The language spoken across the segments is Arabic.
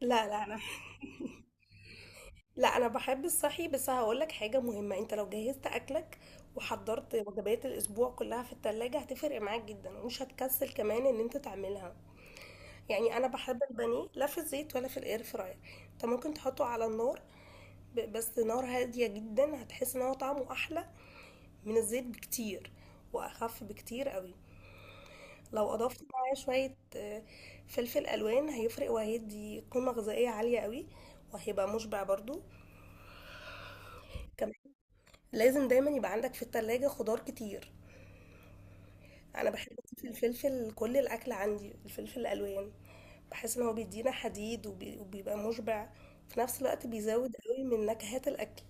لا، لا، انا لا، انا بحب الصحي، بس هقول لك حاجه مهمه. انت لو جهزت اكلك وحضرت وجبات الاسبوع كلها في التلاجة هتفرق معاك جدا، ومش هتكسل كمان ان انت تعملها. يعني انا بحب البانيه لا في الزيت ولا في الاير فراير. انت ممكن تحطه على النار، بس نار هاديه جدا، هتحس ان هو طعمه احلى من الزيت بكتير، واخف بكتير قوي. لو اضفت معاه شويه فلفل الوان، هيفرق وهيدي قيمه غذائيه عاليه قوي، وهيبقى مشبع برضو. لازم دايما يبقى عندك في التلاجة خضار كتير. انا بحب في الفلفل، كل الاكل عندي الفلفل الالوان. بحس ان هو بيدينا حديد، وبيبقى مشبع في نفس الوقت، بيزود قوي من نكهات الاكل.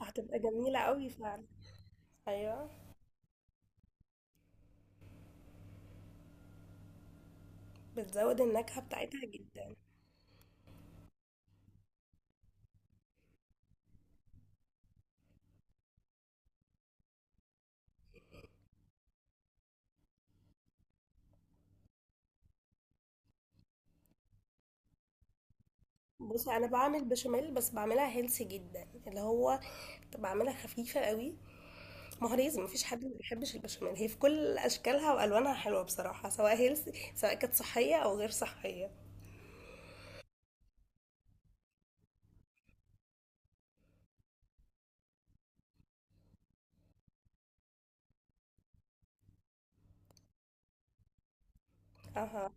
هتبقى جميلة قوي فعلا. ايوه، بتزود النكهة بتاعتها جدا. بصي، انا بعمل بشاميل، بس بعملها هيلسي جدا، اللي هو بعملها خفيفه قوي. ما هو لازم، مفيش حد ما بيحبش البشاميل، هي في كل اشكالها والوانها حلوه بصراحه، سواء هيلسي، سواء كانت صحيه او غير صحيه. اها.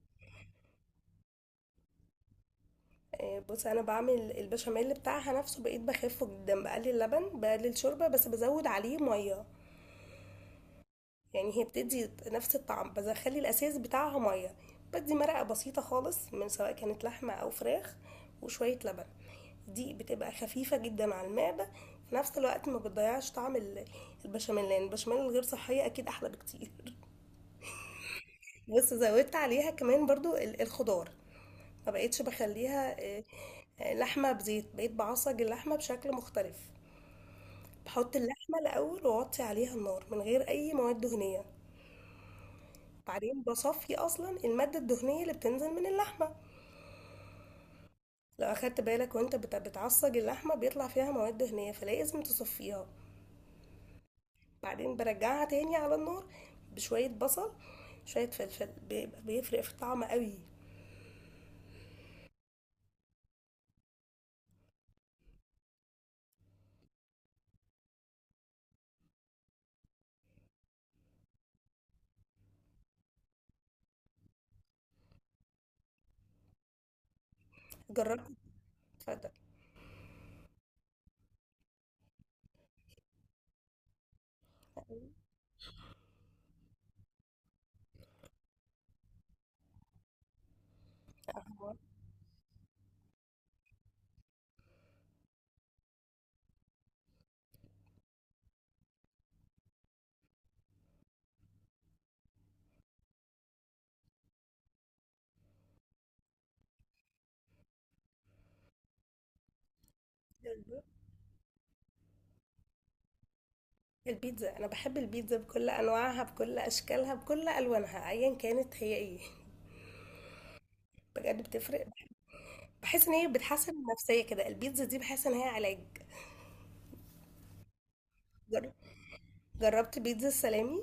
بصي، انا بعمل البشاميل بتاعها نفسه، بقيت بخفه جدا، بقلل لبن، بقلل شوربه، بس بزود عليه ميه. يعني هي بتدي نفس الطعم، بس اخلي الاساس بتاعها ميه. بدي مرقه بسيطه خالص، من سواء كانت لحمه او فراخ، وشويه لبن. دي بتبقى خفيفه جدا على المعده، في نفس الوقت ما بتضيعش طعم البشاميل، لان البشاميل الغير صحيه اكيد احلى بكتير. بص، زودت عليها كمان برضو الخضار. ما بقيتش بخليها. لحمة بزيت، بقيت بعصج اللحمة بشكل مختلف. بحط اللحمة الأول، وأوطي عليها النار من غير أي مواد دهنية. بعدين بصفي أصلا المادة الدهنية اللي بتنزل من اللحمة. لو أخدت بالك وأنت بتعصج اللحمة، بيطلع فيها مواد دهنية، فلازم تصفيها. بعدين برجعها تاني على النار بشوية بصل، شوية فلفل، بيبقى بيفرق في الطعم قوي. جربت؟ اتفضل. البيتزا، انا بحب البيتزا بكل انواعها، بكل اشكالها، بكل الوانها، ايا كانت هي ايه. بجد بتفرق. بحس ان هي بتحسن النفسيه كده، البيتزا دي بحس ان هي علاج. جر- جربت بيتزا السلامي؟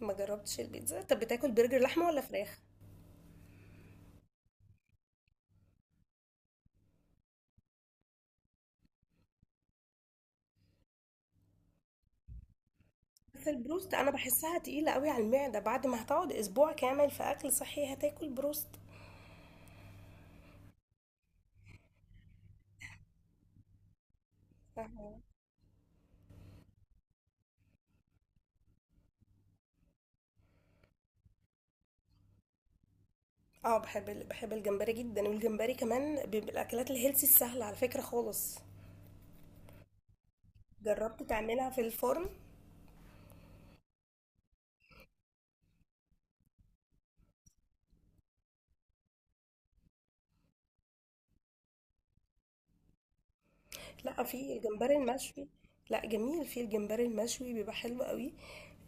ما جربتش البيتزا؟ طب بتاكل برجر لحمه ولا فراخ؟ بس البروست انا بحسها تقيله قوي على المعده، بعد ما هتقعد اسبوع كامل في اكل صحي هتاكل بروست؟ فاهمة؟ اه، بحب الجمبري جدا، والجمبري كمان بيبقى الاكلات الهيلسي السهله على فكره خالص. جربت تعملها في الفرن؟ لأ، في الجمبري المشوي. لأ، جميل، في الجمبري المشوي بيبقى حلو قوي.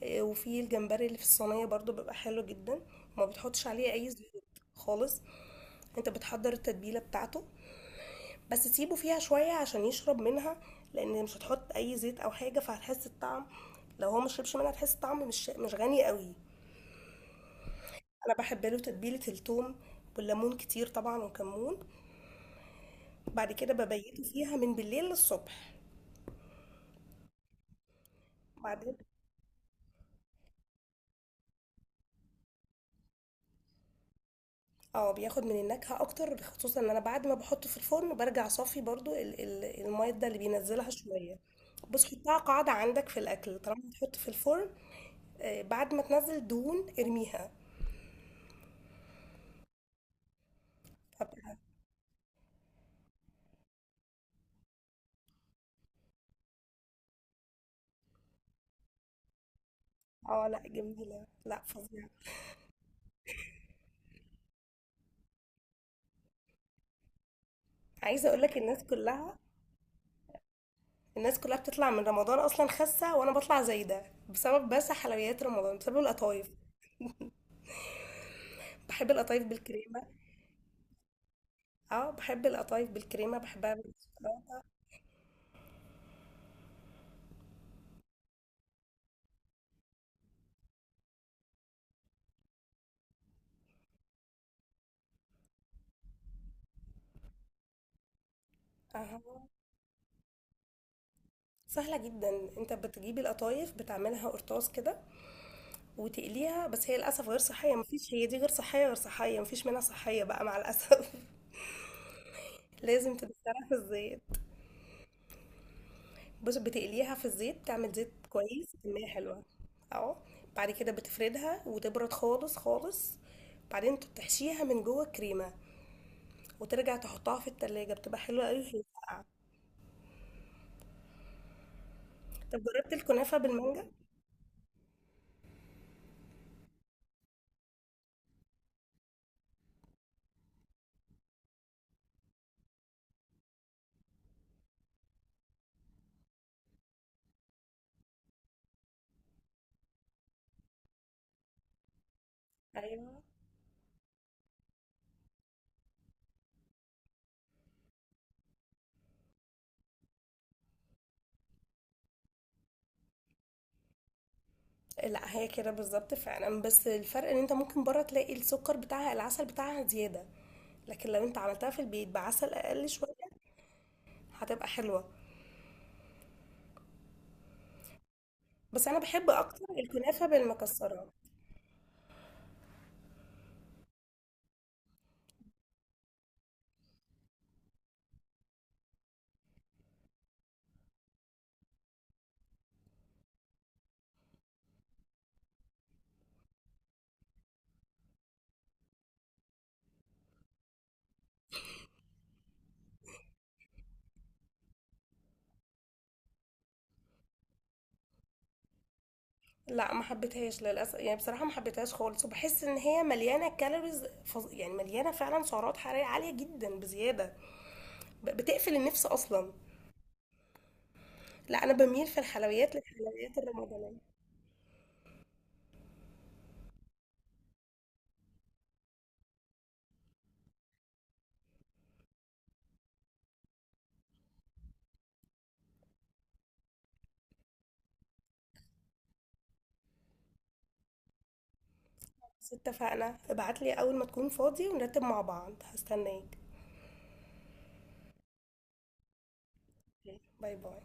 وفي الجمبري اللي في الصينية برضو بيبقى حلو جدا، وما بتحطش عليه اي زيوت خالص. انت بتحضر التتبيلة بتاعته، بس تسيبه فيها شوية عشان يشرب منها، لان مش هتحط اي زيت او حاجة، فهتحس الطعم. لو هو مشربش منها هتحس الطعم مش غني قوي. انا بحب له تتبيلة الثوم والليمون كتير طبعا، وكمون. بعد كده ببيته فيها من بالليل للصبح. بعدين. اه، بياخد من النكهة اكتر، خصوصا ان انا بعد ما بحطه في الفرن برجع صافي برضو المايدة اللي بينزلها شوية. بس حطها قاعدة عندك في الاكل، طالما بتحط في الفرن. بعد ما تنزل دهون ارميها. فبقى- اه، لا، جميلة، لا، فظيعة. عايزة اقولك الناس كلها بتطلع من رمضان اصلا خاسة، وانا بطلع زايدة بسبب، بس حلويات رمضان، بسبب القطايف. بحب القطايف بالكريمة. اه، بحب القطايف بالكريمة، بحبها بالشوكولاتة. اه، سهلة جدا، انت بتجيب القطايف، بتعملها قرطاس كده، وتقليها. بس هي للأسف غير صحية، مفيش، هي دي غير صحية، غير صحية، مفيش منها صحية بقى مع الأسف. لازم تدخلها في الزيت. بص، بتقليها في الزيت، تعمل زيت كويس، كمية حلوة. اهو. بعد كده بتفردها وتبرد خالص خالص. بعدين تحشيها من جوه الكريمة، وترجع تحطها في التلاجة، بتبقى حلوة قوي وهي ساقعة. طب جربت الكنافة بالمانجا؟ ايوه. لا، هي كده بالظبط فعلا، بس الفرق ان انت ممكن بره تلاقي السكر بتاعها، العسل بتاعها زيادة. لكن لو انت عملتها في البيت بعسل اقل شوية هتبقى حلوة. بس انا بحب اكتر الكنافة بالمكسرات. لا، ما حبيتهاش للاسف، يعني بصراحة ما حبيتهاش خالص، وبحس ان هي مليانة كالوريز يعني مليانة فعلا سعرات حرارية عالية جدا بزيادة. بتقفل النفس اصلا. لا، انا بميل في الحلويات للحلويات الرمضانية. بس اتفقنا، ابعتلي اول ما تكون فاضي ونرتب مع بعض، هستناك. باي باي.